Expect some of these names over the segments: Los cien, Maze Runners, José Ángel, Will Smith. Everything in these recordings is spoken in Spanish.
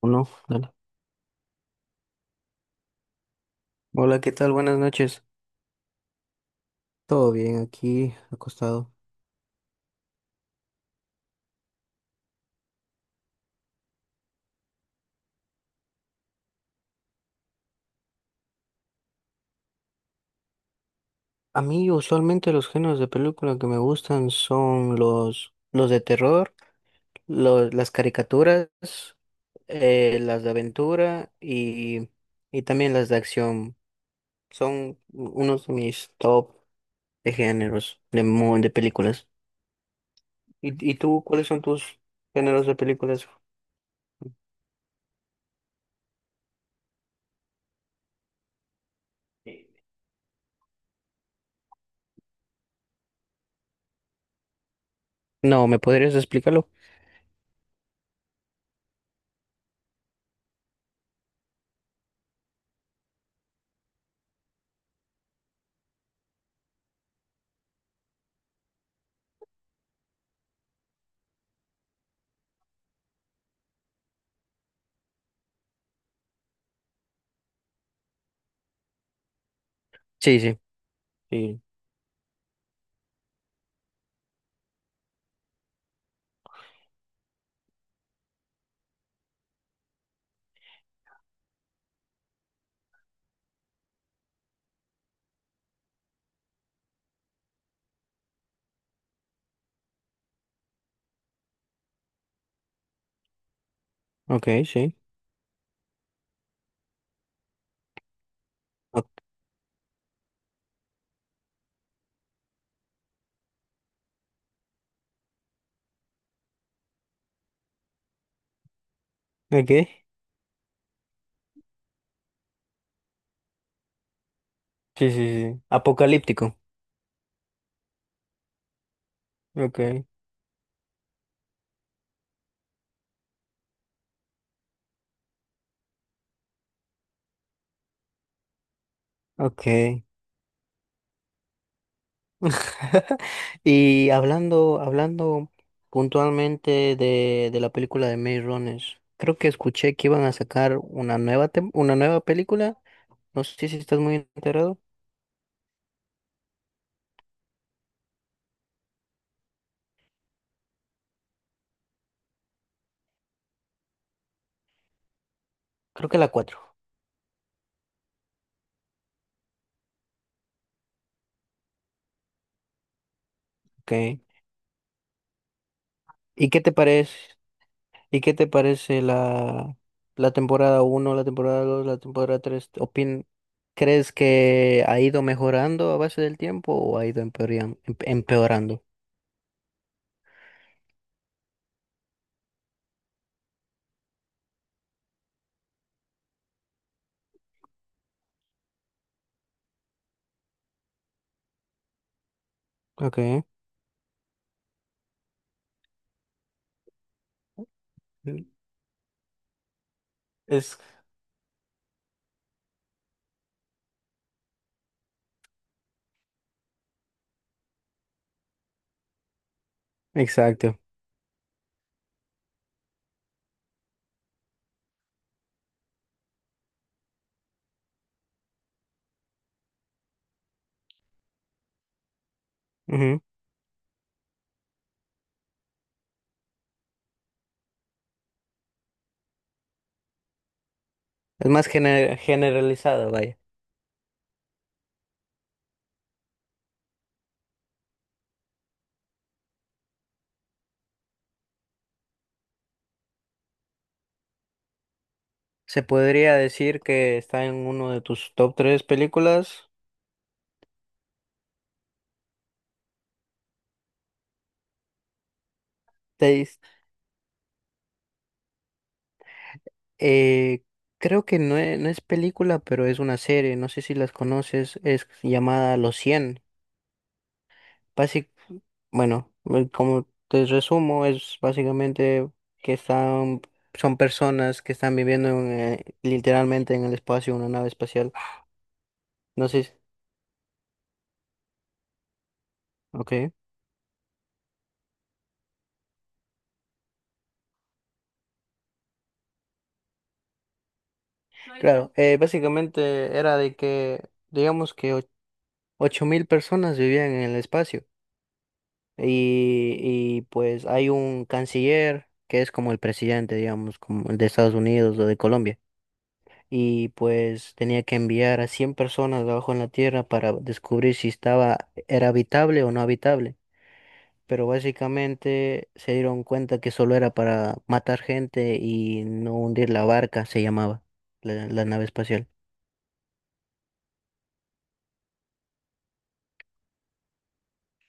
Uno, dale. Hola, ¿qué tal? Buenas noches. Todo bien aquí, acostado. A mí usualmente los géneros de película que me gustan son los de terror, los, las caricaturas, las de aventura y también las de acción. Son unos de mis top de géneros de películas. ¿Y tú, cuáles son tus géneros de películas? No, ¿me podrías explicarlo? Sí, sí. Sí. Ok, sí. Ok. Sí, sí, sí. Apocalíptico. Ok, ok. Y hablando, hablando puntualmente de la película de Maze Runners, creo que escuché que iban a sacar una nueva película. No sé si estás muy enterado. Creo que la cuatro. Ok. ¿Y qué te parece? ¿Y qué te parece la temporada uno, la temporada dos, la temporada tres? Opin... ¿Crees que ha ido mejorando a base del tiempo o ha ido empeorando? Ok. Es exacto. Ujú. Es más generalizado, vaya. Se podría decir que está en uno de tus top tres películas. Seis. Eh, creo que no es, no es película, pero es una serie. No sé si las conoces. Es llamada Los 100. Basic, bueno, como te resumo, es básicamente que están, son personas que están viviendo literalmente en el espacio, una nave espacial. No sé. Ok. Claro, básicamente era de que, digamos que 8.000 personas vivían en el espacio pues hay un canciller que es como el presidente, digamos, como el de Estados Unidos o de Colombia y pues tenía que enviar a 100 personas abajo en la Tierra para descubrir si estaba, era habitable o no habitable, pero básicamente se dieron cuenta que solo era para matar gente y no hundir la barca, se llamaba la nave espacial.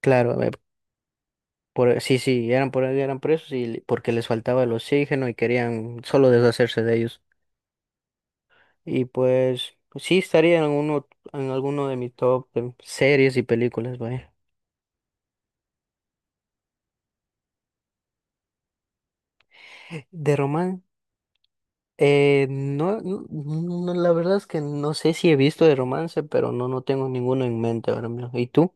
Claro, por, sí, sí, eran, por, eran presos y porque les faltaba el oxígeno y querían solo deshacerse de ellos. Y pues sí estaría en uno, en alguno de mis top series y películas, vaya. De romance, no, no, no, la verdad es que no sé si he visto de romance, pero no, no tengo ninguno en mente ahora mismo. ¿Y tú?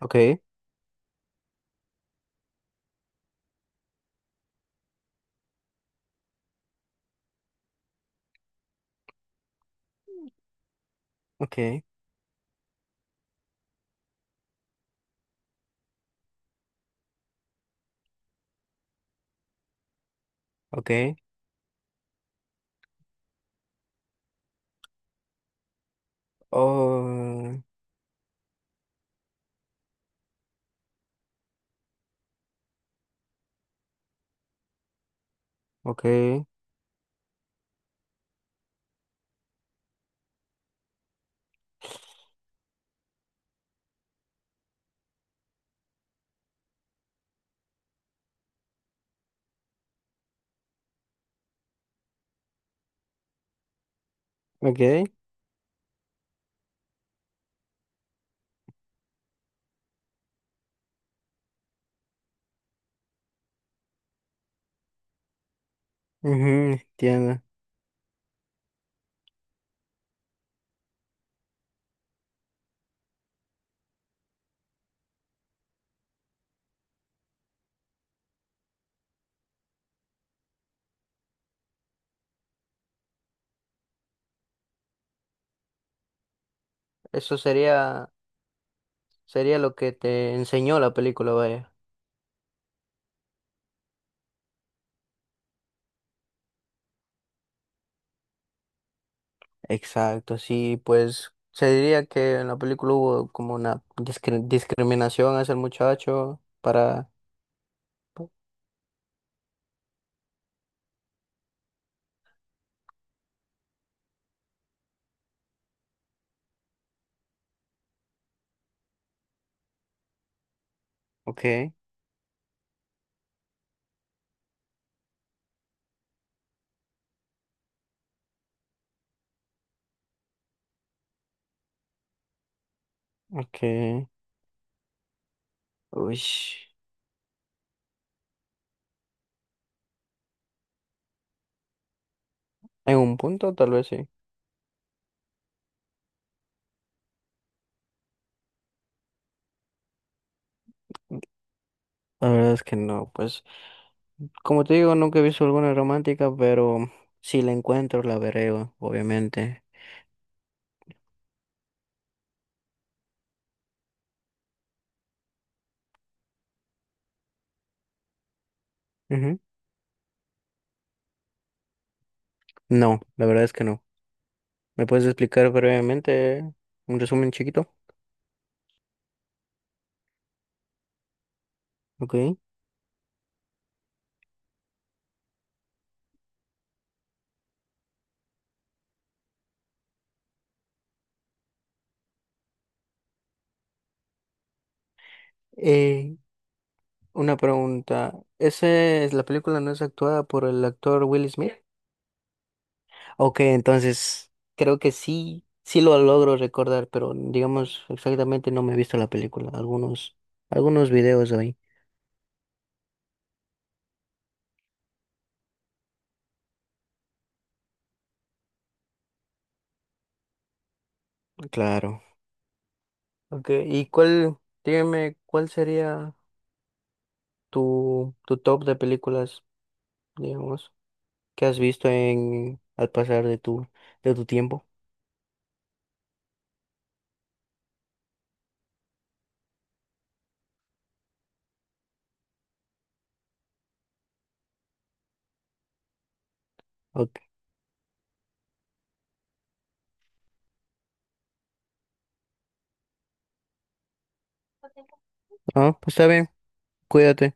Ok, ok, ok. Oh, ok, ok. Ujú, entiendo. Eso sería. Sería lo que te enseñó la película, vaya. Exacto, sí, pues se diría que en la película hubo como una discriminación hacia el muchacho para... Ok, ok. Uy, en un punto tal vez sí. La verdad es que no, pues como te digo, nunca he visto alguna romántica, pero si la encuentro la veré, obviamente. Ujú. No, la verdad es que no. ¿Me puedes explicar brevemente un resumen chiquito? Ok. Eh, una pregunta. ¿Esa es la película, no es actuada por el actor Will Smith? Ok, entonces creo que sí, sí lo logro recordar, pero digamos exactamente no me he visto la película. Algunos videos ahí. Claro. Ok, ¿y cuál, dígame, cuál sería tu top de películas, digamos, que has visto en al pasar de tu tiempo? Ok. Ah, pues está bien, cuídate.